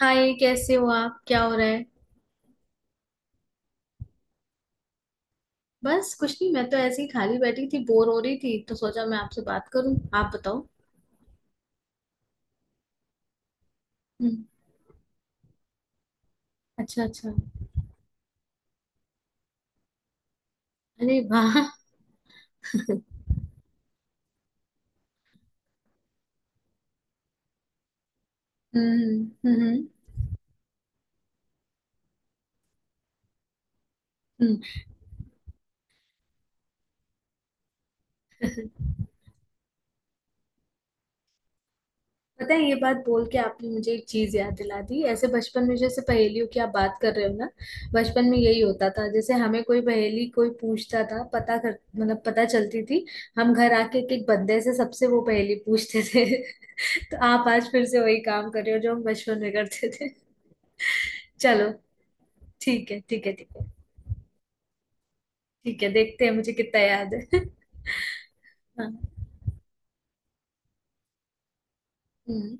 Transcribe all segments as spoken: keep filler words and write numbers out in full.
हाय, कैसे हो आप? क्या हो रहा है? बस कुछ नहीं, मैं तो ऐसे ही खाली बैठी थी, बोर हो रही थी तो सोचा मैं आपसे बात करूं। आप बताओ। हम्म। अच्छा अच्छा। अरे वाह। हम्म हम्म। हम्म। पता है, ये बात बोल के आपने मुझे एक चीज याद दिला दी। ऐसे बचपन में, जैसे पहेलियों की आप बात कर रहे हो ना, बचपन में यही होता था। जैसे हमें कोई पहेली कोई पूछता था, पता कर, मतलब पता चलती थी, हम घर आके एक एक बंदे से, सबसे वो पहेली पूछते थे। तो आप आज फिर से वही काम कर रहे हो जो हम बचपन में करते थे। चलो। ठीक है, ठीक है, ठीक है। ठीक है, देखते हैं मुझे कितना याद है। हाँ। हम्म,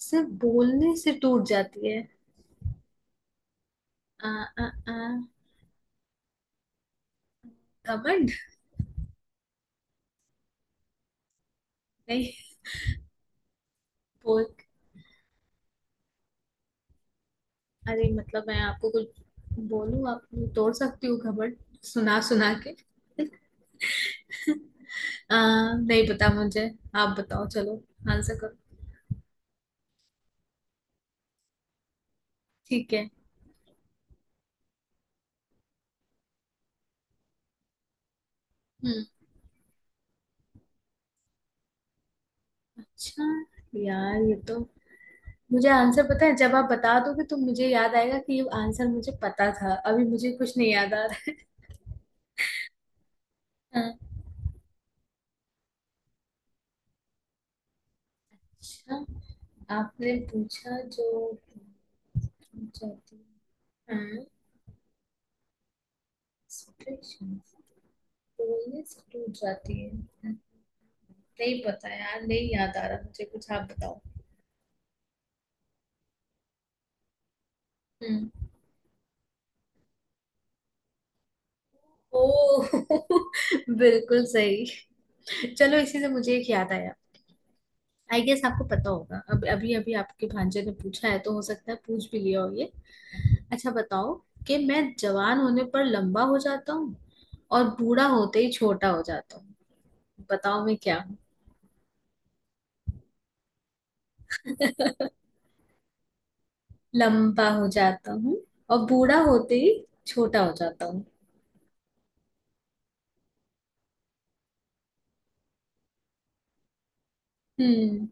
सिर्फ बोलने से टूट जाती है। आ आ आ घमंड। नहीं। बोल। अरे, मतलब मैं आपको कुछ बोलूं, आप तोड़ सकती हो घमंड, सुना सुना के। आ, नहीं पता मुझे। आप बताओ, चलो, आंसर करो। ठीक है। हम्म। अच्छा, यार, ये तो मुझे आंसर पता है। जब आप बता दोगे तो मुझे याद आएगा कि ये आंसर मुझे पता था। अभी मुझे कुछ नहीं याद आ रहा है। अच्छा। आपने पूछा जो, जाती है, कोरियस टूट जाती है। नहीं पता यार, नहीं याद आ रहा मुझे कुछ। आप बताओ। हम्म। ओ। बिल्कुल सही। चलो, इसी से मुझे एक याद आया। आई गेस आपको पता होगा, अब अभी अभी आपके भांजे ने पूछा है तो हो सकता है पूछ भी लिया हो ये। अच्छा बताओ, कि मैं जवान होने पर लंबा हो जाता हूँ और बूढ़ा होते ही छोटा हो जाता हूँ। बताओ मैं क्या हूँ। लंबा हो जाता हूँ और बूढ़ा होते ही छोटा हो जाता हूँ। हम्म।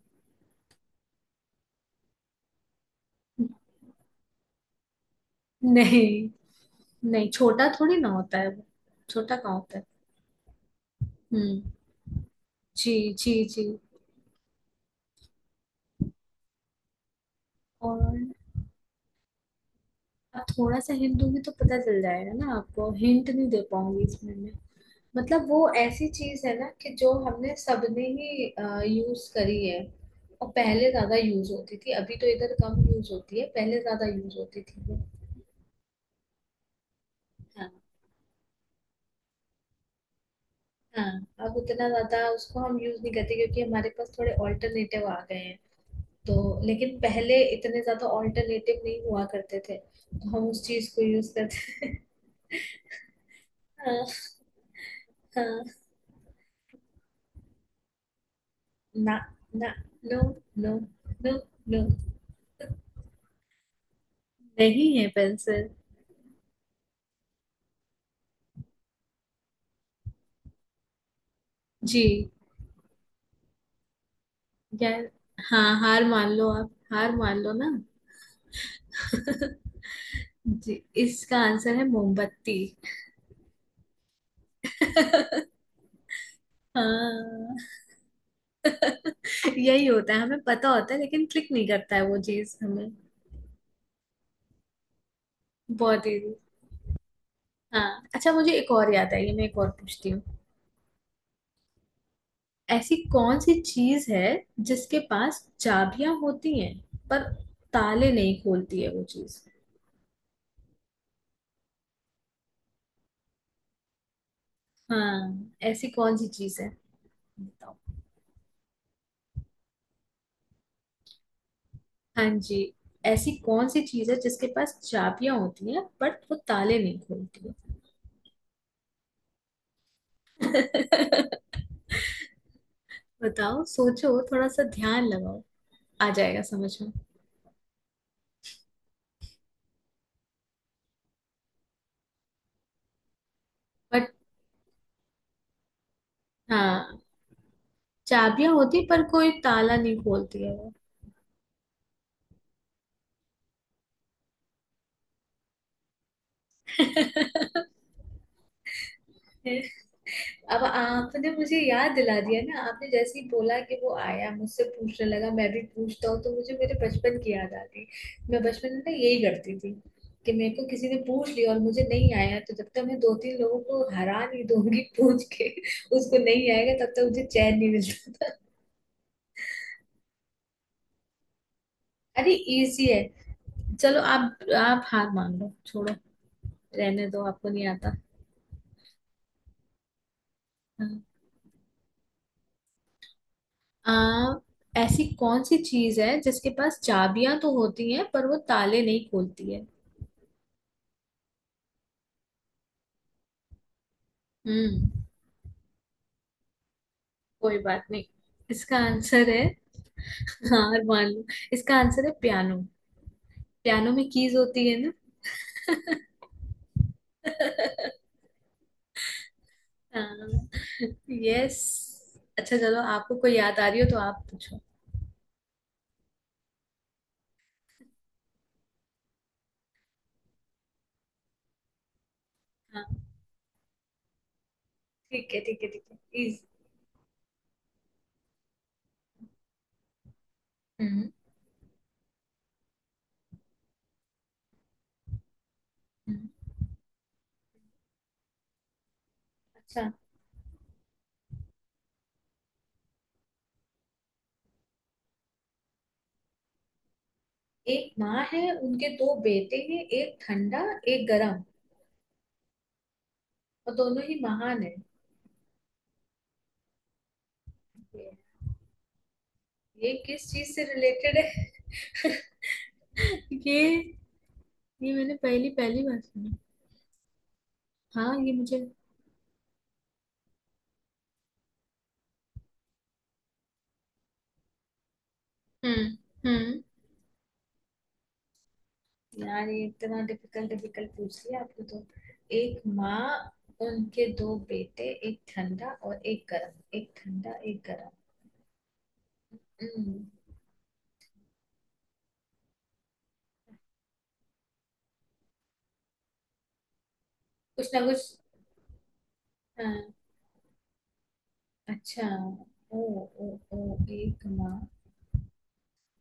नहीं। नहीं छोटा थोड़ी ना होता है वो। छोटा कहाँ होता है। हम्म। जी। जी जी। और आप थोड़ा सा हिंट दूंगी तो पता चल जाएगा ना आपको, हिंट नहीं दे पाऊंगी इसमें। मतलब वो ऐसी चीज है ना कि जो हमने सबने ही यूज करी है, और पहले ज्यादा यूज होती थी, अभी तो इधर कम यूज होती है, पहले ज्यादा यूज होती थी वो। हाँ। हाँ, अब उतना ज्यादा उसको हम यूज नहीं करते क्योंकि हमारे पास थोड़े ऑल्टरनेटिव आ गए हैं, तो, लेकिन पहले इतने ज्यादा ऑल्टरनेटिव नहीं हुआ करते थे तो हम उस चीज को यूज करते थे। हाँ हाँ। ना, ना, नो, नो, नो, नो। नहीं है पेंसिल। जी। यार, हाँ, हार मान लो, आप हार मान लो ना। जी। इसका आंसर है मोमबत्ती। हाँ। यही होता है, हमें पता होता है लेकिन क्लिक नहीं करता है वो चीज हमें। बहुत इजी। हाँ, अच्छा मुझे एक और याद आई है, मैं एक और पूछती हूँ। ऐसी कौन सी चीज है जिसके पास चाबियां होती हैं, पर ताले नहीं खोलती है वो चीज। हाँ। ऐसी कौन सी चीज है, बताओ। हाँ जी। ऐसी कौन सी चीज है जिसके पास चाबियां होती हैं बट वो ताले नहीं खोलती है। बताओ, सोचो थोड़ा सा, ध्यान लगाओ। आ जाएगा समझ में। बट हाँ, चाबियां होती, पर कोई ताला नहीं खोलती है वो। अब आपने मुझे याद दिला दिया ना। आपने जैसे ही बोला कि वो आया मुझसे पूछने लगा, मैं भी पूछता हूँ, तो मुझे मेरे बचपन की याद आ गई। मैं बचपन में ना यही करती थी कि मेरे को किसी ने पूछ लिया और मुझे नहीं आया, तो जब तक मैं दो तीन लोगों को हरा नहीं दूंगी पूछ के, उसको नहीं आएगा, तब तक मुझे चैन नहीं मिलता था। अरे इजी है, चलो आप, आप हार मान लो, छोड़ो, रहने दो, आपको नहीं आता। हाँ, आ, ऐसी कौन सी चीज है जिसके पास चाबियां तो होती हैं पर वो ताले नहीं खोलती है। हम्म। कोई बात नहीं, इसका आंसर है, हाँ मान लो, इसका आंसर है पियानो। पियानो में कीज होती है ना। हाँ। यस। अच्छा चलो, आपको कोई याद आ रही हो तो आप पूछो। हाँ। ठीक है, ठीक है, ठीक है, इज। हम्म। हम्म। अच्छा, एक माँ है, उनके दो बेटे हैं, एक ठंडा, एक गरम, और दोनों ही महान है। ये किस चीज से रिलेटेड है? ये ये मैंने पहली पहली बार सुनी। हाँ, ये मुझे। हम्म। हम्म। यार, ये इतना डिफिकल्ट डिफिकल्ट पूछ लिया आपने तो। एक माँ, उनके दो बेटे, एक ठंडा और एक गर्म, एक ठंडा एक गर्म। हम्म। कुछ ना कुछ। हाँ। अच्छा। ओ। ओ। ओ, एक माँ,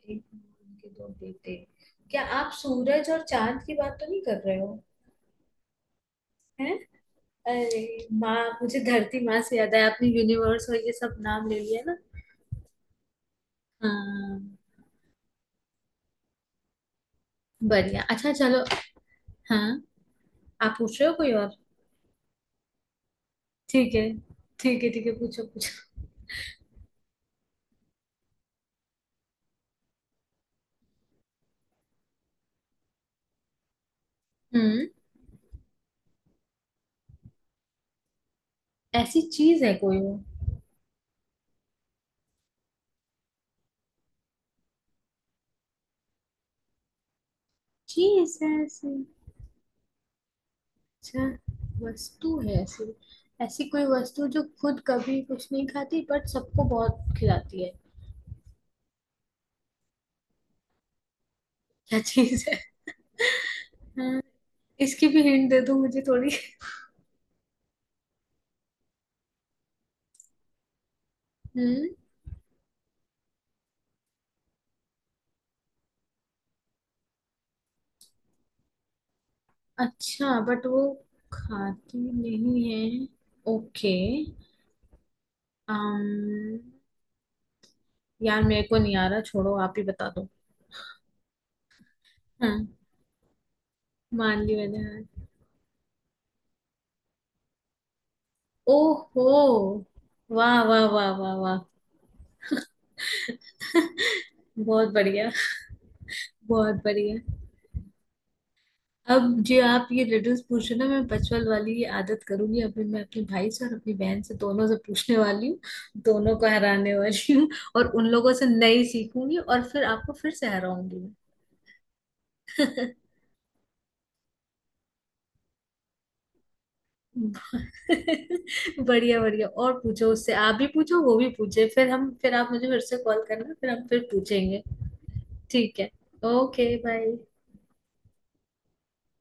एक माँ उनके दो बेटे। क्या आप सूरज और चांद की बात तो नहीं कर रहे हो? हैं? अरे माँ, मुझे धरती माँ से याद है। आपने यूनिवर्स और ये सब नाम ले लिया ना। हाँ। बढ़िया, अच्छा चलो। हाँ। आप पूछ रहे हो कोई और? ठीक है, ठीक है, ठीक है, पूछो पूछो। हम्म। ऐसी चीज है कोई वो? चीज है ऐसी? अच्छा, वस्तु है ऐसी। ऐसी कोई वस्तु जो खुद कभी कुछ नहीं खाती बट सबको बहुत खिलाती है? क्या चीज है? हाँ, इसकी भी हिंट दे दो मुझे थोड़ी। हम्म। अच्छा, बट वो खाती नहीं है। ओके। अम, यार मेरे को नहीं आ रहा, छोड़ो, आप ही बता दो। हाँ, मान ली मैंने हार। ओहो, वाह वाह वाह वाह वाह। बहुत बढ़िया। बहुत बढ़िया। अब जो आप ये रिडल्स पूछ रहे हो ना, मैं बचपन वाली ये आदत करूंगी अभी। मैं अपने भाई से और अपनी बहन से, दोनों से पूछने वाली हूँ, दोनों को हराने वाली हूँ, और उन लोगों से नई सीखूंगी और फिर आपको फिर से हराऊंगी। मैं बढ़िया बढ़िया। और पूछो उससे, आप भी पूछो, वो भी पूछे, फिर हम, फिर आप मुझे फिर से कॉल करना, फिर हम फिर पूछेंगे। ठीक है। Okay bye.